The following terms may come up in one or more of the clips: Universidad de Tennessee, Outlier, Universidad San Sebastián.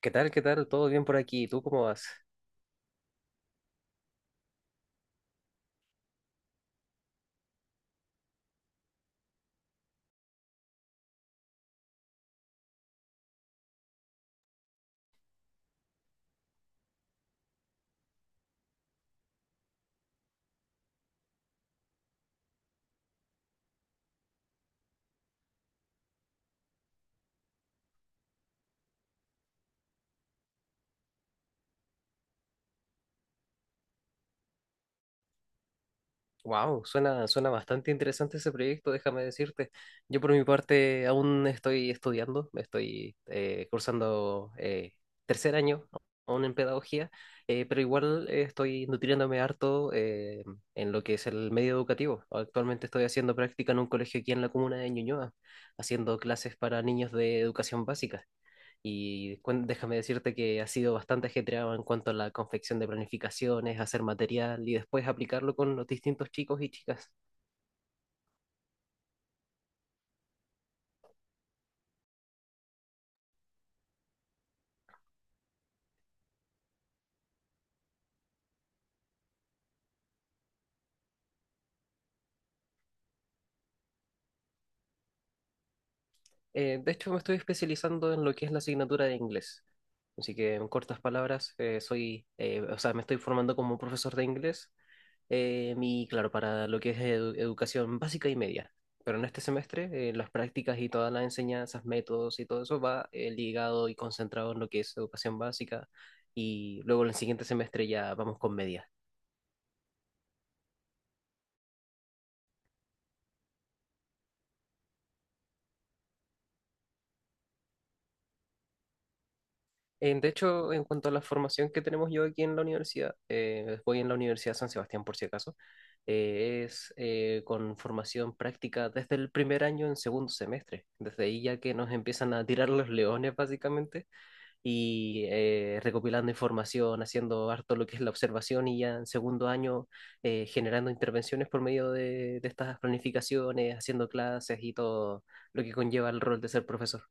¿Qué tal? ¿Qué tal? ¿Todo bien por aquí? ¿Tú cómo vas? Wow, suena bastante interesante ese proyecto, déjame decirte. Yo por mi parte aún estoy estudiando, estoy cursando tercer año aún en pedagogía, pero igual estoy nutriéndome harto en lo que es el medio educativo. Actualmente estoy haciendo práctica en un colegio aquí en la comuna de Ñuñoa, haciendo clases para niños de educación básica. Y déjame decirte que ha sido bastante ajetreado en cuanto a la confección de planificaciones, hacer material y después aplicarlo con los distintos chicos y chicas. De hecho, me estoy especializando en lo que es la asignatura de inglés. Así que, en cortas palabras, o sea, me estoy formando como profesor de inglés claro, para lo que es educación básica y media. Pero en este semestre, las prácticas y todas las enseñanzas, métodos y todo eso va ligado y concentrado en lo que es educación básica. Y luego en el siguiente semestre ya vamos con media. En- de hecho, en cuanto a la formación que tenemos yo aquí en la universidad, voy en la Universidad San Sebastián por si acaso, es con formación práctica desde el primer año en segundo semestre. Desde ahí ya que nos empiezan a tirar los leones básicamente y recopilando información, haciendo harto lo que es la observación y ya en segundo año generando intervenciones por medio de estas planificaciones, haciendo clases y todo lo que conlleva el rol de ser profesor.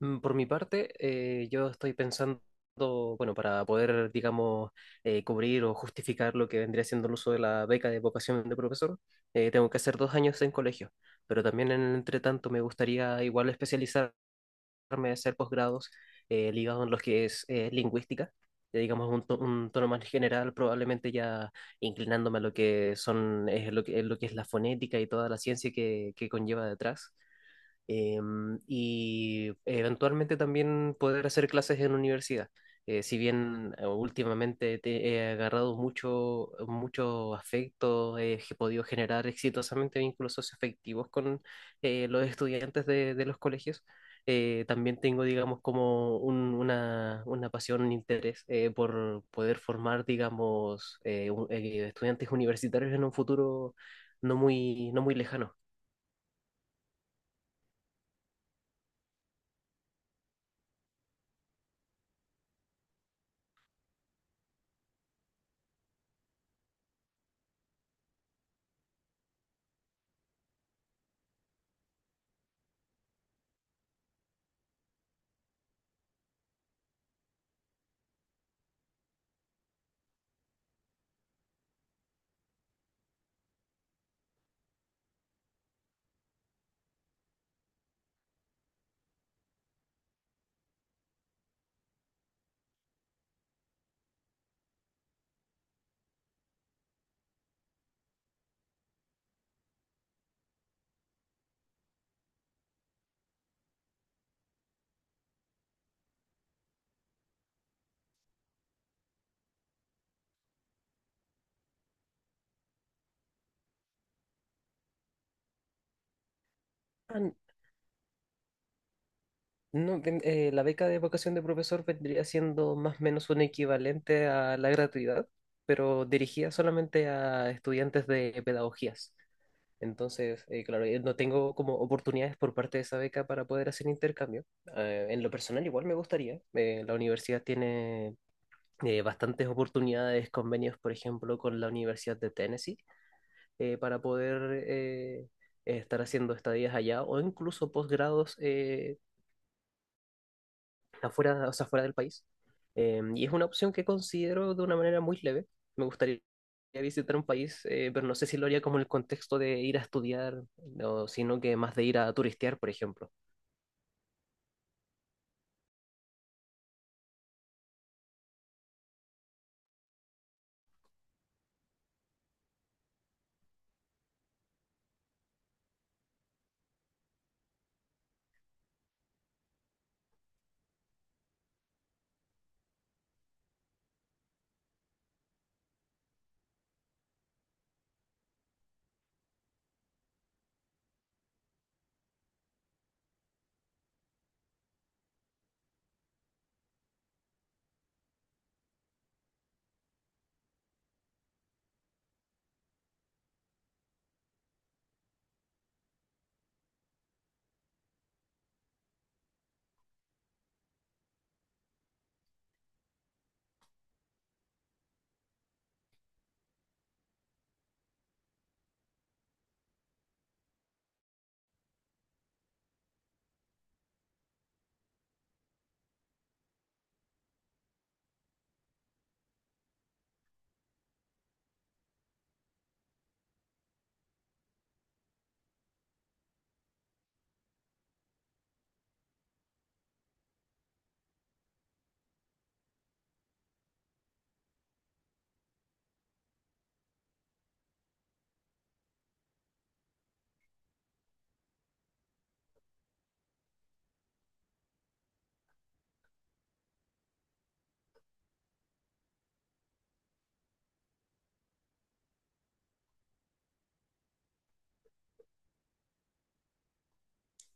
Por mi parte, yo estoy pensando, bueno, para poder, digamos, cubrir o justificar lo que vendría siendo el uso de la beca de vocación de profesor, tengo que hacer dos años en colegio. Pero también en el entretanto me gustaría igual especializar de hacer posgrados ligados en los que es lingüística, digamos un, un tono más general, probablemente ya inclinándome a lo que son, es lo que es la fonética y toda la ciencia que conlleva detrás eh, y eventualmente también poder hacer clases en universidad. Si bien últimamente te he agarrado mucho afecto, he podido generar exitosamente vínculos socioafectivos con los estudiantes de los colegios, también tengo, digamos, como una pasión, un interés por poder formar, digamos, estudiantes universitarios en un futuro no muy lejano. No, la beca de vocación de profesor vendría siendo más o menos un equivalente a la gratuidad, pero dirigida solamente a estudiantes de pedagogías. Entonces, claro, no tengo como oportunidades por parte de esa beca para poder hacer intercambio. En lo personal, igual me gustaría. La universidad tiene bastantes oportunidades, convenios, por ejemplo, con la Universidad de Tennessee, para poder estar haciendo estadías allá o incluso posgrados está fuera, o sea, fuera del país. Y es una opción que considero de una manera muy leve. Me gustaría visitar un país, pero no sé si lo haría como en el contexto de ir a estudiar, o sino que más de ir a turistear, por ejemplo.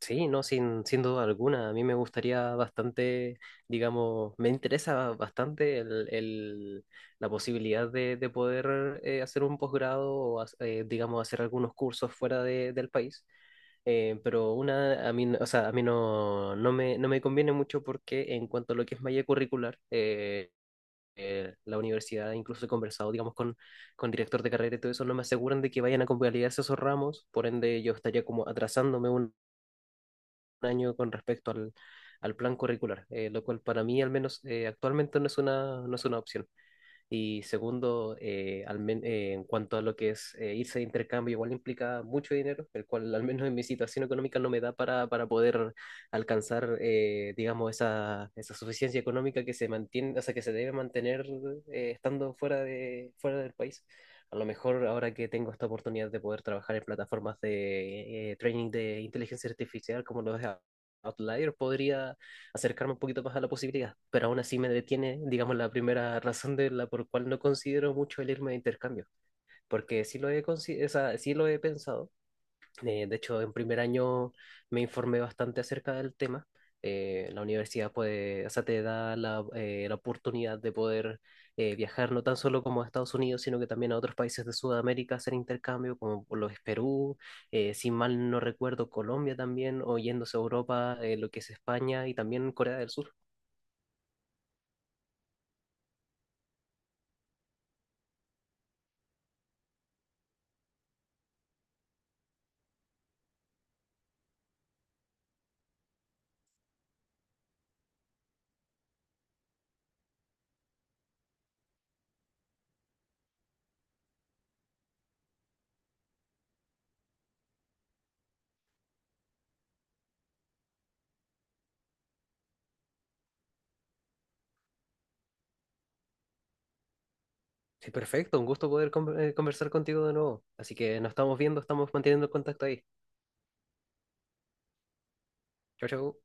Sí, no, sin duda alguna. A mí me gustaría bastante, digamos, me interesa bastante la posibilidad de poder hacer un posgrado o, digamos, hacer algunos cursos del país. Pero una, a mí, o sea, a mí no me conviene mucho porque en cuanto a lo que es malla curricular, la universidad, incluso he conversado, digamos, con director de carrera y todo eso, no me aseguran de que vayan a convalidarse esos ramos, por ende yo estaría como atrasándome año con respecto al plan curricular, lo cual para mí al menos actualmente no es no es una opción. Y segundo, en cuanto a lo que es irse de intercambio, igual implica mucho dinero, el cual al menos en mi situación económica no me da para poder alcanzar, digamos, esa suficiencia económica que se mantiene, o sea, que se debe mantener estando fuera del país. A lo mejor ahora que tengo esta oportunidad de poder trabajar en plataformas de training de inteligencia artificial como lo es Outlier, podría acercarme un poquito más a la posibilidad, pero aún así me detiene, digamos, la primera razón de la por cual no considero mucho el irme de intercambio, porque o sea, sí lo he pensado, de hecho en primer año me informé bastante acerca del tema, la universidad puede, o sea, te da la oportunidad de poder viajar no tan solo como a Estados Unidos, sino que también a otros países de Sudamérica hacer intercambio, como lo es Perú, si mal no recuerdo, Colombia también, o yéndose a Europa, lo que es España y también Corea del Sur. Sí, perfecto. Un gusto poder conversar contigo de nuevo. Así que nos estamos viendo, estamos manteniendo el contacto ahí. Chau, chau.